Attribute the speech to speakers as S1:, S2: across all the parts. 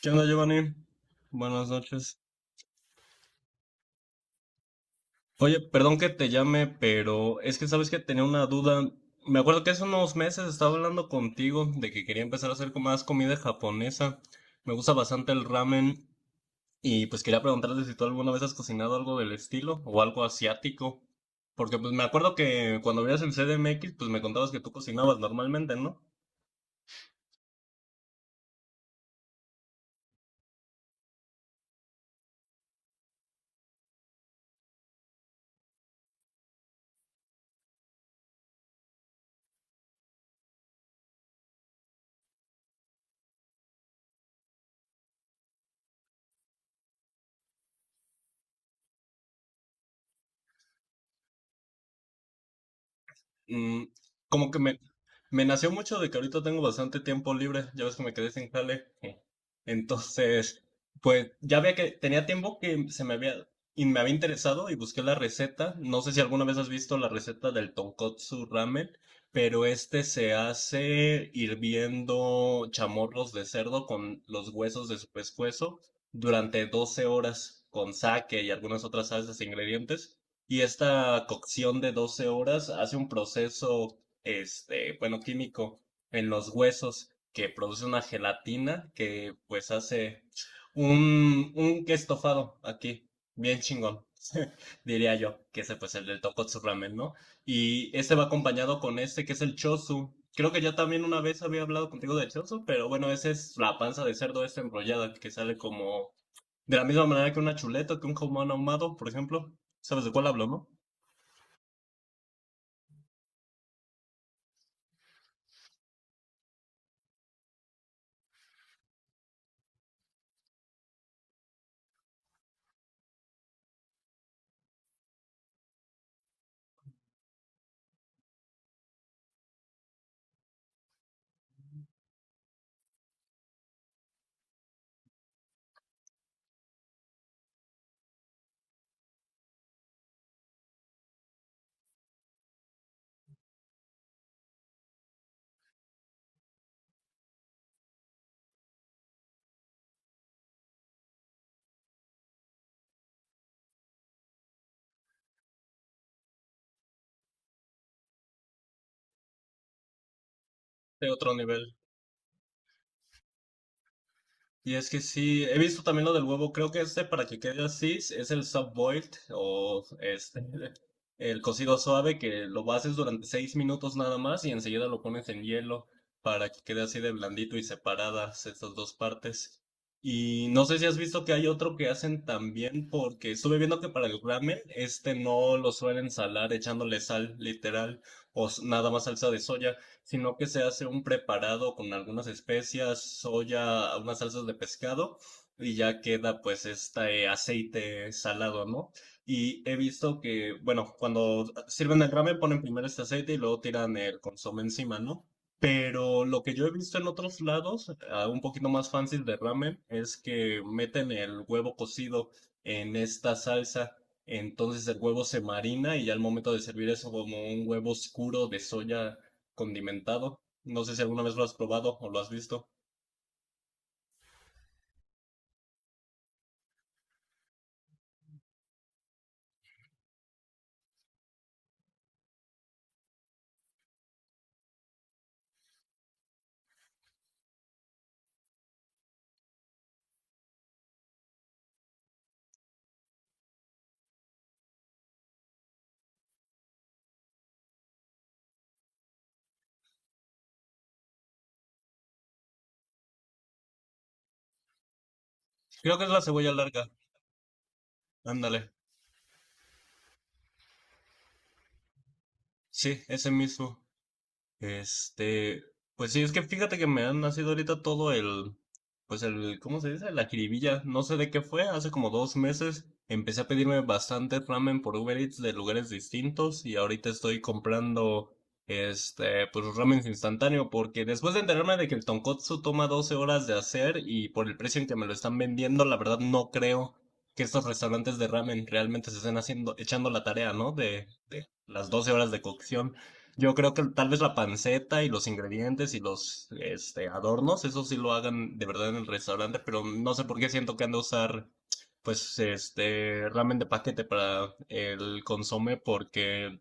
S1: ¿Qué onda, Giovanni? Buenas noches. Oye, perdón que te llame, pero es que sabes que tenía una duda. Me acuerdo que hace unos meses estaba hablando contigo de que quería empezar a hacer como más comida japonesa. Me gusta bastante el ramen y pues quería preguntarte si tú alguna vez has cocinado algo del estilo o algo asiático. Porque pues me acuerdo que cuando veías el CDMX, pues me contabas que tú cocinabas normalmente, ¿no? Mm, Como que me nació mucho de que ahorita tengo bastante tiempo libre, ya ves que me quedé sin jale. Entonces, pues ya veía que tenía tiempo que se me había, y me había interesado y busqué la receta. No sé si alguna vez has visto la receta del tonkotsu ramen, pero este se hace hirviendo chamorros de cerdo con los huesos de su pescuezo durante 12 horas con sake y algunas otras salsas e ingredientes. Y esta cocción de 12 horas hace un proceso, este, bueno, químico en los huesos que produce una gelatina que pues hace un estofado aquí, bien chingón, diría yo, que ese pues el del Tokotsu Ramen, ¿no? Y este va acompañado con este que es el Chosu. Creo que ya también una vez había hablado contigo del Chosu, pero bueno, esa es la panza de cerdo esta enrollada que sale como de la misma manera que una chuleta, que un jamón ahumado, por ejemplo. ¿Sabes de cuál hablo, no? De otro nivel. Y es que sí, he visto también lo del huevo, creo que este para que quede así es el sub-boiled o este, el cocido suave que lo haces durante 6 minutos nada más y enseguida lo pones en hielo para que quede así de blandito y separadas estas dos partes. Y no sé si has visto que hay otro que hacen también porque estuve viendo que para el ramen este no lo suelen salar echándole sal literal o nada más salsa de soya, sino que se hace un preparado con algunas especias, soya, unas salsas de pescado y ya queda pues este aceite salado, ¿no? Y he visto que, bueno, cuando sirven el ramen ponen primero este aceite y luego tiran el consomé encima, ¿no? Pero lo que yo he visto en otros lados, ah, un poquito más fancy de ramen, es que meten el huevo cocido en esta salsa. Entonces el huevo se marina y ya al momento de servir es como un huevo oscuro de soya condimentado. No sé si alguna vez lo has probado o lo has visto. Creo que es la cebolla larga. Ándale. Sí, ese mismo. Este, pues sí, es que fíjate que me han nacido ahorita todo el, pues el, ¿cómo se dice? La jiribilla. No sé de qué fue, hace como 2 meses empecé a pedirme bastante ramen por Uber Eats de lugares distintos y ahorita estoy comprando, este, pues ramen instantáneo, porque después de enterarme de que el tonkotsu toma 12 horas de hacer y por el precio en que me lo están vendiendo, la verdad no creo que estos restaurantes de ramen realmente se estén haciendo, echando la tarea, ¿no? De las 12 horas de cocción. Yo creo que tal vez la panceta y los ingredientes y los este, adornos, eso sí lo hagan de verdad en el restaurante, pero no sé por qué siento que han de usar pues este ramen de paquete para el consomé, porque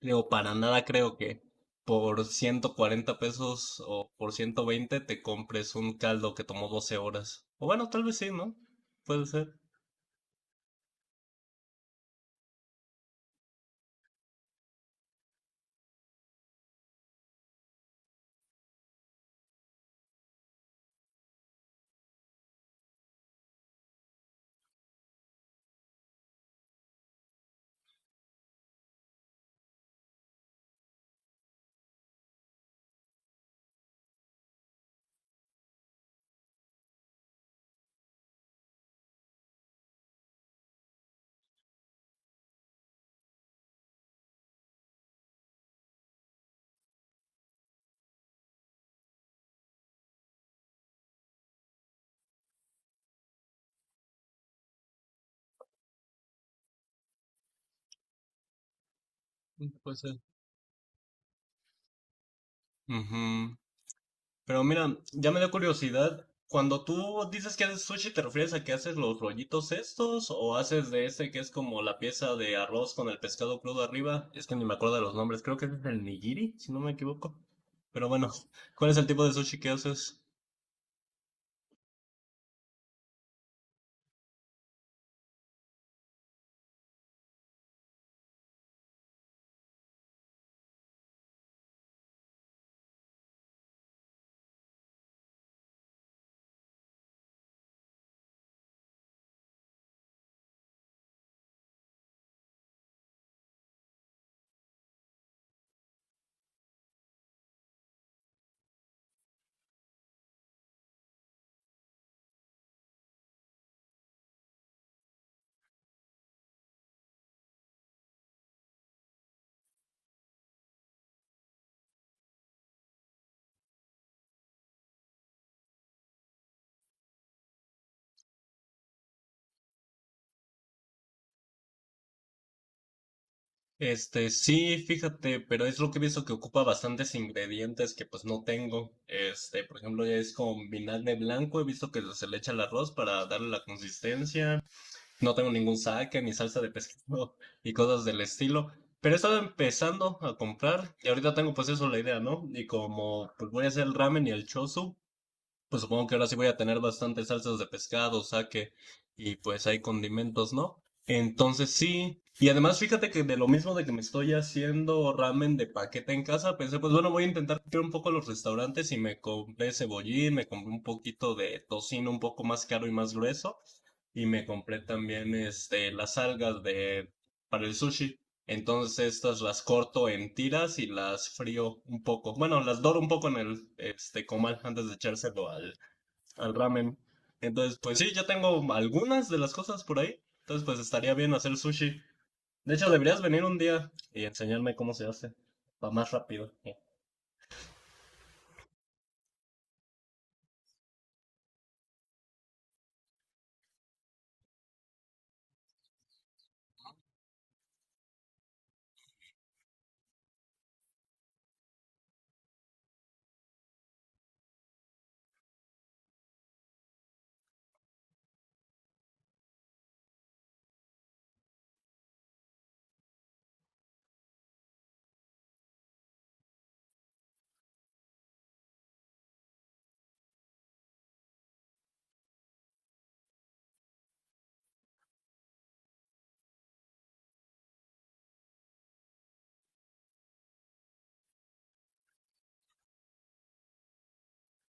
S1: digo, para nada creo que por 140 pesos o por 120 te compres un caldo que tomó 12 horas. O bueno, tal vez sí, ¿no? Puede ser. Mm, puede ser. Ujú. Pero mira, ya me dio curiosidad. Cuando tú dices que haces sushi, ¿te refieres a que haces los rollitos estos o haces de ese que es como la pieza de arroz con el pescado crudo arriba? Es que ni me acuerdo de los nombres, creo que es el nigiri, si no me equivoco. Pero bueno, ¿cuál es el tipo de sushi que haces? Este, sí, fíjate, pero es lo que he visto que ocupa bastantes ingredientes que pues no tengo. Este, por ejemplo, ya es con vinagre blanco, he visto que se le echa al arroz para darle la consistencia. No tengo ningún saque ni salsa de pescado y cosas del estilo. Pero he estado empezando a comprar y ahorita tengo pues eso, la idea, ¿no? Y como pues voy a hacer el ramen y el chosu, pues supongo que ahora sí voy a tener bastantes salsas de pescado, saque y pues hay condimentos, ¿no? Entonces sí. Y además fíjate que de lo mismo de que me estoy haciendo ramen de paquete en casa, pensé, pues bueno, voy a intentar ir un poco a los restaurantes y me compré cebollín, me compré un poquito de tocino un poco más caro y más grueso y me compré también este las algas de para el sushi. Entonces estas las corto en tiras y las frío un poco. Bueno, las doro un poco en el este comal antes de echárselo al, al ramen. Entonces, pues sí, ya tengo algunas de las cosas por ahí. Entonces, pues estaría bien hacer sushi. De hecho, deberías venir un día y enseñarme cómo se hace. Va más rápido.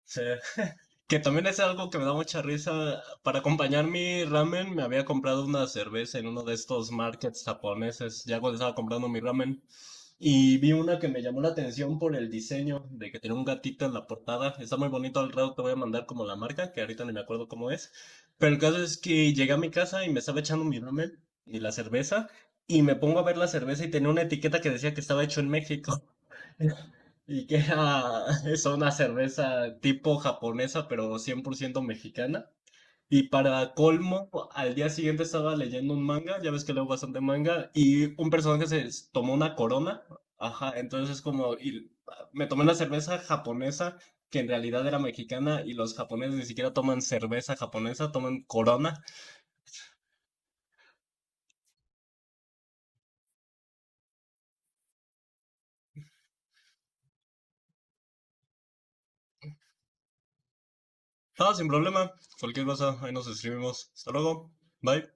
S1: Sí. Que también es algo que me da mucha risa. Para acompañar mi ramen, me había comprado una cerveza en uno de estos markets japoneses. Ya cuando estaba comprando mi ramen, y vi una que me llamó la atención por el diseño de que tiene un gatito en la portada. Está muy bonito, al rato te voy a mandar como la marca, que ahorita ni me acuerdo cómo es. Pero el caso es que llegué a mi casa y me estaba echando mi ramen y la cerveza. Y me pongo a ver la cerveza y tenía una etiqueta que decía que estaba hecho en México. Y que era, es una cerveza tipo japonesa, pero 100% mexicana. Y para colmo, al día siguiente estaba leyendo un manga, ya ves que leo bastante manga, y un personaje se tomó una corona, ajá, entonces es como, y me tomé una cerveza japonesa, que en realidad era mexicana, y los japoneses ni siquiera toman cerveza japonesa, toman corona. Ah, sin problema, cualquier cosa, ahí nos escribimos. Hasta luego, bye.